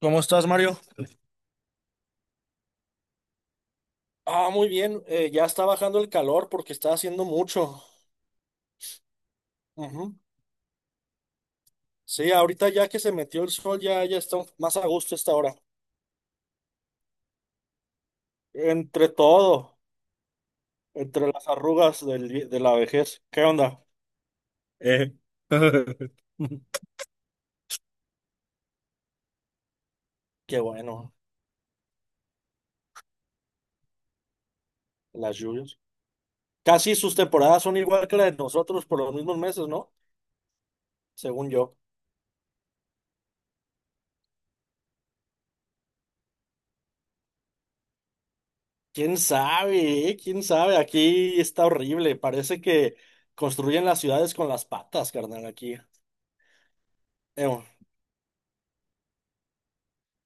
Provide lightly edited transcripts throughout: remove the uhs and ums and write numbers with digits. ¿Cómo estás, Mario? Ah, muy bien. Ya está bajando el calor porque está haciendo mucho. Ujú. Sí, ahorita ya que se metió el sol, ya está más a gusto esta hora. Entre todo, entre las arrugas de la vejez. ¿Qué onda? Eh. Qué bueno, las lluvias. Casi sus temporadas son igual que las de nosotros por los mismos meses, ¿no? Según yo. ¿Quién sabe? ¿Quién sabe? Aquí está horrible. Parece que construyen las ciudades con las patas, carnal, aquí. Em,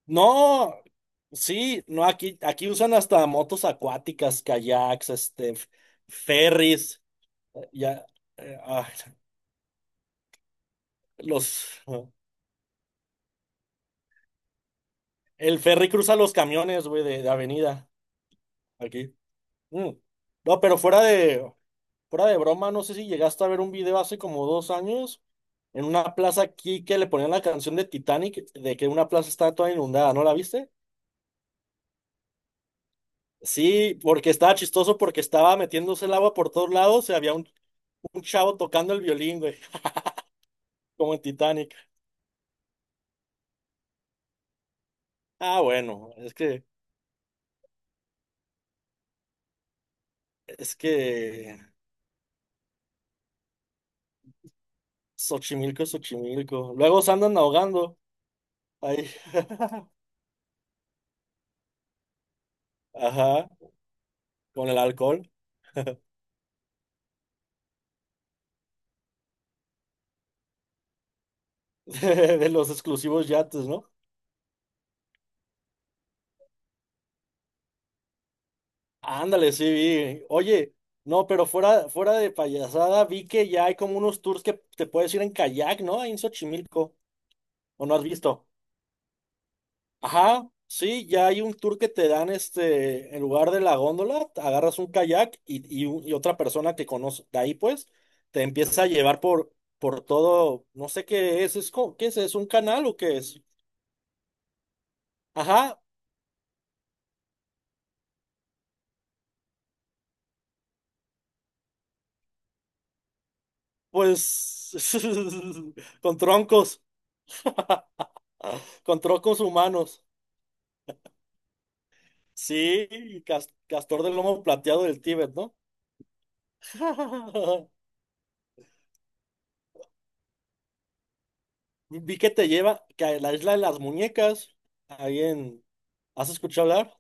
No, sí, no, aquí usan hasta motos acuáticas, kayaks, este, ferries. Ya, ah, los, el ferry cruza los camiones, güey, de avenida, aquí. Mm. No, pero fuera de broma, no sé si llegaste a ver un video hace como 2 años, en una plaza aquí que le ponían la canción de Titanic, de que una plaza estaba toda inundada, ¿no la viste? Sí, porque estaba chistoso porque estaba metiéndose el agua por todos lados y había un chavo tocando el violín, güey, como en Titanic. Ah, bueno, es que Xochimilco es Xochimilco. Luego se andan ahogando ahí. Ajá, con el alcohol. De los exclusivos yates, ¿no? Ándale, sí, vi. Oye, no, pero fuera de payasada, vi que ya hay como unos tours que te puedes ir en kayak, ¿no? Ahí en Xochimilco. ¿O no has visto? Ajá, sí, ya hay un tour que te dan este, en lugar de la góndola, agarras un kayak y otra persona que conoce de ahí, pues, te empieza a llevar por, todo, no sé qué es, ¿qué es? ¿Es un canal o qué es? Ajá, pues. Con troncos, con troncos humanos. Sí, y castor del lomo plateado del Tíbet, ¿no? Vi que te lleva, que a la isla de las muñecas, ahí en, ¿has escuchado hablar?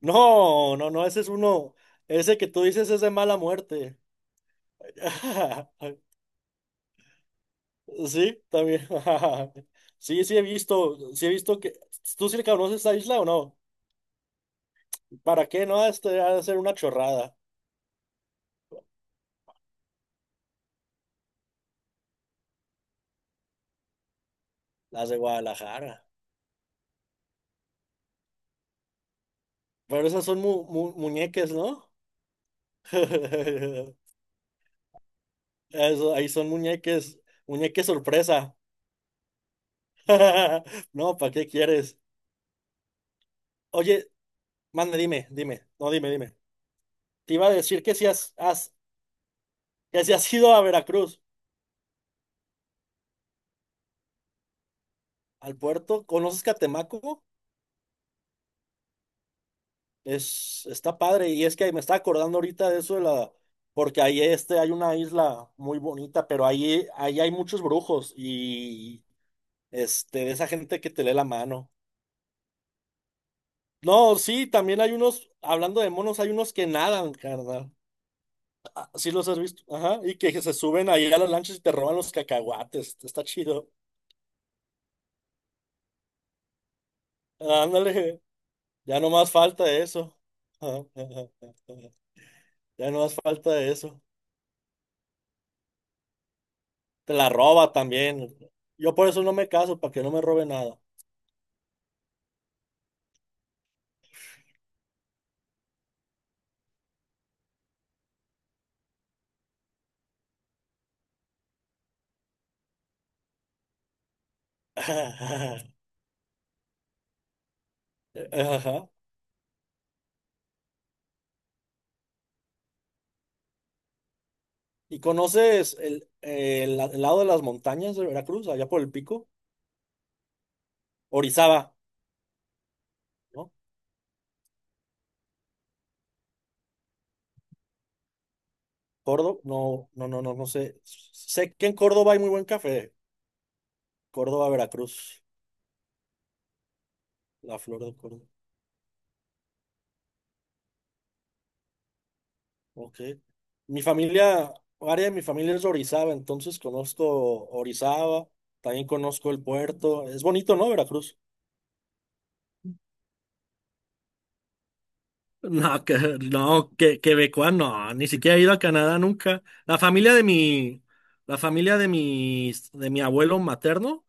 No, no, no, ese es uno. Ese que tú dices es de mala muerte. Sí, también. Sí, sí he visto que. ¿Tú sí le conoces esta isla o no? ¿Para qué no? Este ha de ser una chorrada. Las de Guadalajara. Pero esas son muñeques, ¿no? Eso, ahí son muñeques, muñeques sorpresa. No, ¿para qué quieres? Oye, manda, dime, dime, no, dime, dime. Te iba a decir que si has, ido a Veracruz. Al puerto, ¿conoces Catemaco? Está padre y es que me está acordando ahorita de eso de la, porque ahí este hay una isla muy bonita, pero ahí hay muchos brujos y este de esa gente que te lee la mano. No, sí, también hay unos, hablando de monos, hay unos que nadan, carnal. Ah, sí los has visto, ajá, y que se suben ahí a las lanchas y te roban los cacahuates. Está chido. Ándale, ya no más falta eso. Ya no más falta eso. Te la roba también. Yo por eso no me caso, para que no me robe nada. Ajá. ¿Y conoces el, el lado de las montañas de Veracruz, allá por el pico? Orizaba, ¿no? Córdoba, no, no, no, no, no sé. Sé que en Córdoba hay muy buen café. Córdoba, Veracruz, la flor de Córdoba. Ok. Mi familia, área de mi familia es de Orizaba, entonces conozco Orizaba, también conozco el puerto. Es bonito, ¿no, Veracruz? No, que, no, que, quebecoa, no, ni siquiera he ido a Canadá nunca. La familia de mi, la familia de mis, de mi abuelo materno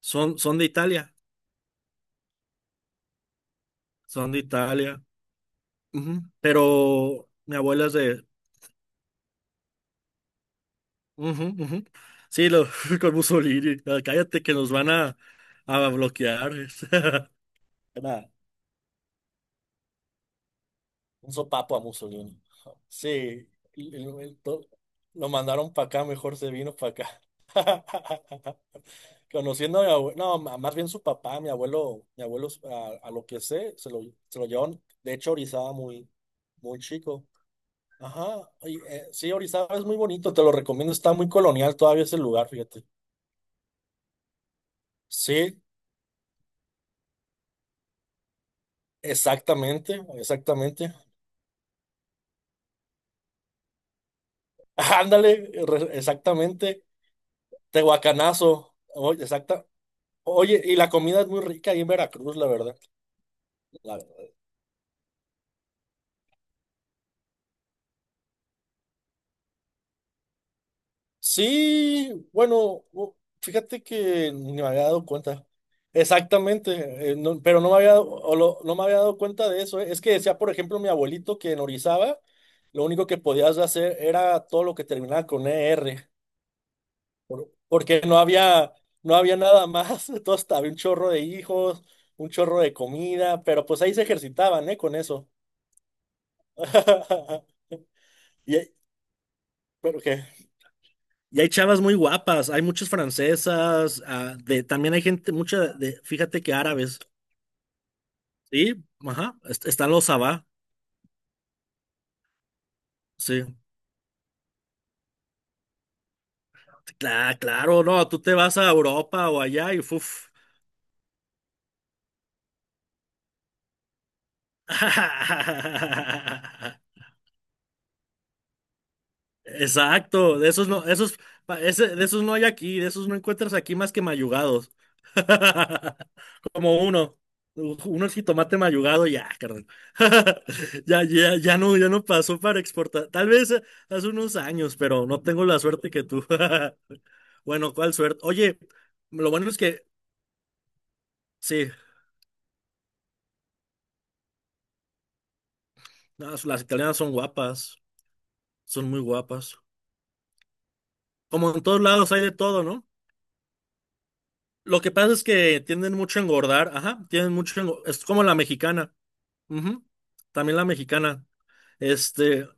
son de Italia, son de Italia. Ujú. Pero mi abuela es de, ujú, ujú. Sí, lo. Con Mussolini. No, cállate que nos van a bloquear. Era un sopapo a Mussolini. Sí, y- y- y to- lo mandaron para acá, mejor se vino para acá. Conociendo a mi abuelo, no, más bien su papá, mi abuelo, a lo que sé, se lo llevaron, de hecho, a Orizaba muy, muy chico. Ajá, y, sí, Orizaba es muy bonito, te lo recomiendo, está muy colonial todavía ese lugar, fíjate. Sí, exactamente, exactamente. Ándale, exactamente. Tehuacanazo, oye, exacta. Oye, y la comida es muy rica ahí en Veracruz, la verdad. Sí, bueno, fíjate que ni me había dado cuenta. Exactamente, pero no me había, dado- o lo- no me había dado cuenta de eso. Es que decía, por ejemplo, mi abuelito que en Orizaba lo único que podías hacer era todo lo que terminaba con E r, porque no había nada más. Entonces había un chorro de hijos, un chorro de comida, pero pues ahí se ejercitaban, ¿eh? Con eso. Y, pero, ¿qué? Y hay chavas muy guapas, hay muchas francesas, ah, de, también hay gente, mucha de, fíjate que árabes, ¿sí? Ajá, están los Sabá, sí. Claro, no, tú te vas a Europa o allá y fuf. Exacto, de esos no, esos, de esos no hay aquí, de esos no encuentras aquí más que mayugados. Como uno. Uno el jitomate mayugado, ya, carnal. Ya, ya, ya no, ya no pasó para exportar. Tal vez hace unos años, pero no tengo la suerte que tú. Bueno, ¿cuál suerte? Oye, lo bueno es que sí, las italianas son guapas, son muy guapas. Como en todos lados hay de todo, ¿no? Lo que pasa es que tienden mucho a engordar, ajá, tienen mucho, es como la mexicana. Ujú, también la mexicana. Este,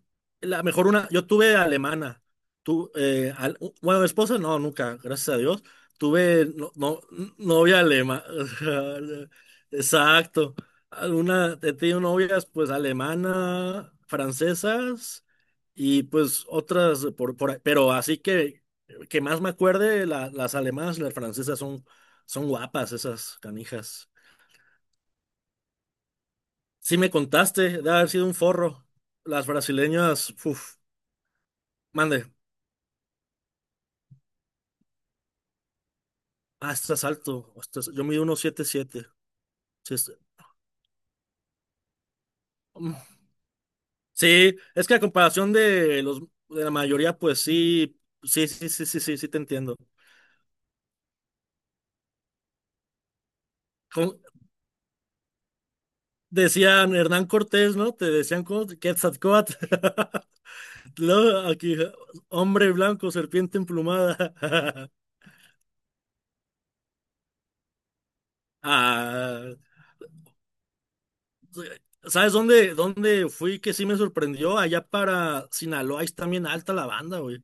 la mejor una, yo tuve alemana. Tu, eh, al- bueno, esposa no, nunca, gracias a Dios. Tuve novia alemana. Exacto. Alguna, he tenido novias pues alemana, francesas y pues otras por ahí. Pero así que más me acuerde, las alemanas y las francesas son guapas esas canijas. Sí me contaste de haber sido un forro. Las brasileñas, uff, mande. Ah, estás alto. Yo mido unos siete siete. Sí, es. Mm. Sí, es que a comparación de los de la mayoría, pues sí, sí, sí, sí, sí, sí, sí te entiendo. Como decían Hernán Cortés, ¿no? Te decían como Quetzalcóatl. Luego, aquí, hombre blanco, serpiente emplumada. Ah, ¿sabes dónde fui que sí me sorprendió? Allá para Sinaloa, ahí está bien alta la banda, güey.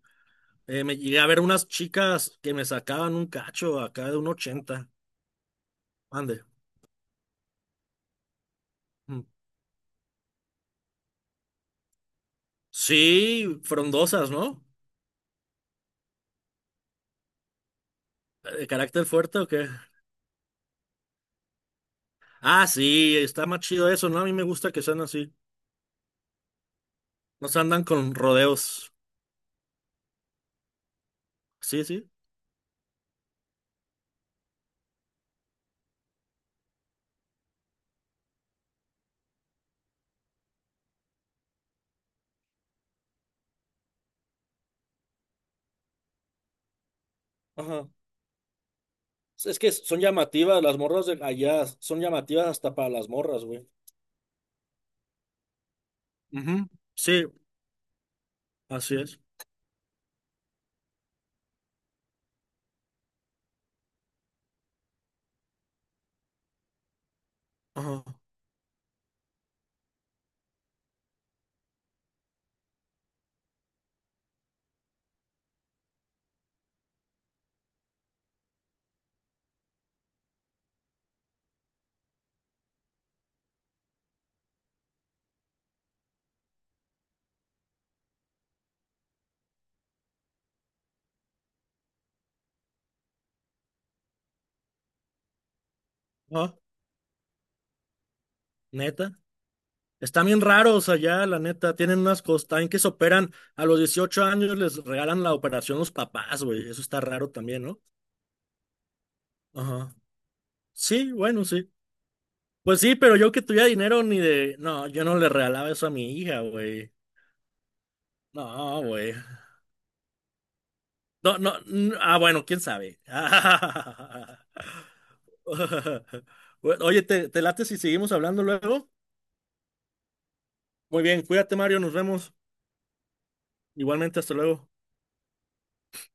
Me llegué a ver unas chicas que me sacaban un cacho acá de un ochenta. Ande. Mm. Sí, frondosas, ¿no? ¿De carácter fuerte o qué? Ah, sí, está más chido eso, ¿no? A mí me gusta que sean así. No se andan con rodeos. Sí, sí. Ajá. Es que son llamativas, las morras de allá son llamativas hasta para las morras, güey. Ujú. Sí, así es. Ajá. Ah, ¿neta? Están bien raros allá, la neta. Tienen unas costas que se operan a los 18 años, les regalan la operación los papás, güey. Eso está raro también, ¿no? Ajá. Sí, bueno, sí. Pues sí, pero yo que tuviera dinero ni de. No, yo no le regalaba eso a mi hija, güey. No, güey. No, no. Ah, bueno, quién sabe. Oye, ¿te late si seguimos hablando luego? Muy bien, cuídate, Mario, nos vemos. Igualmente, hasta luego.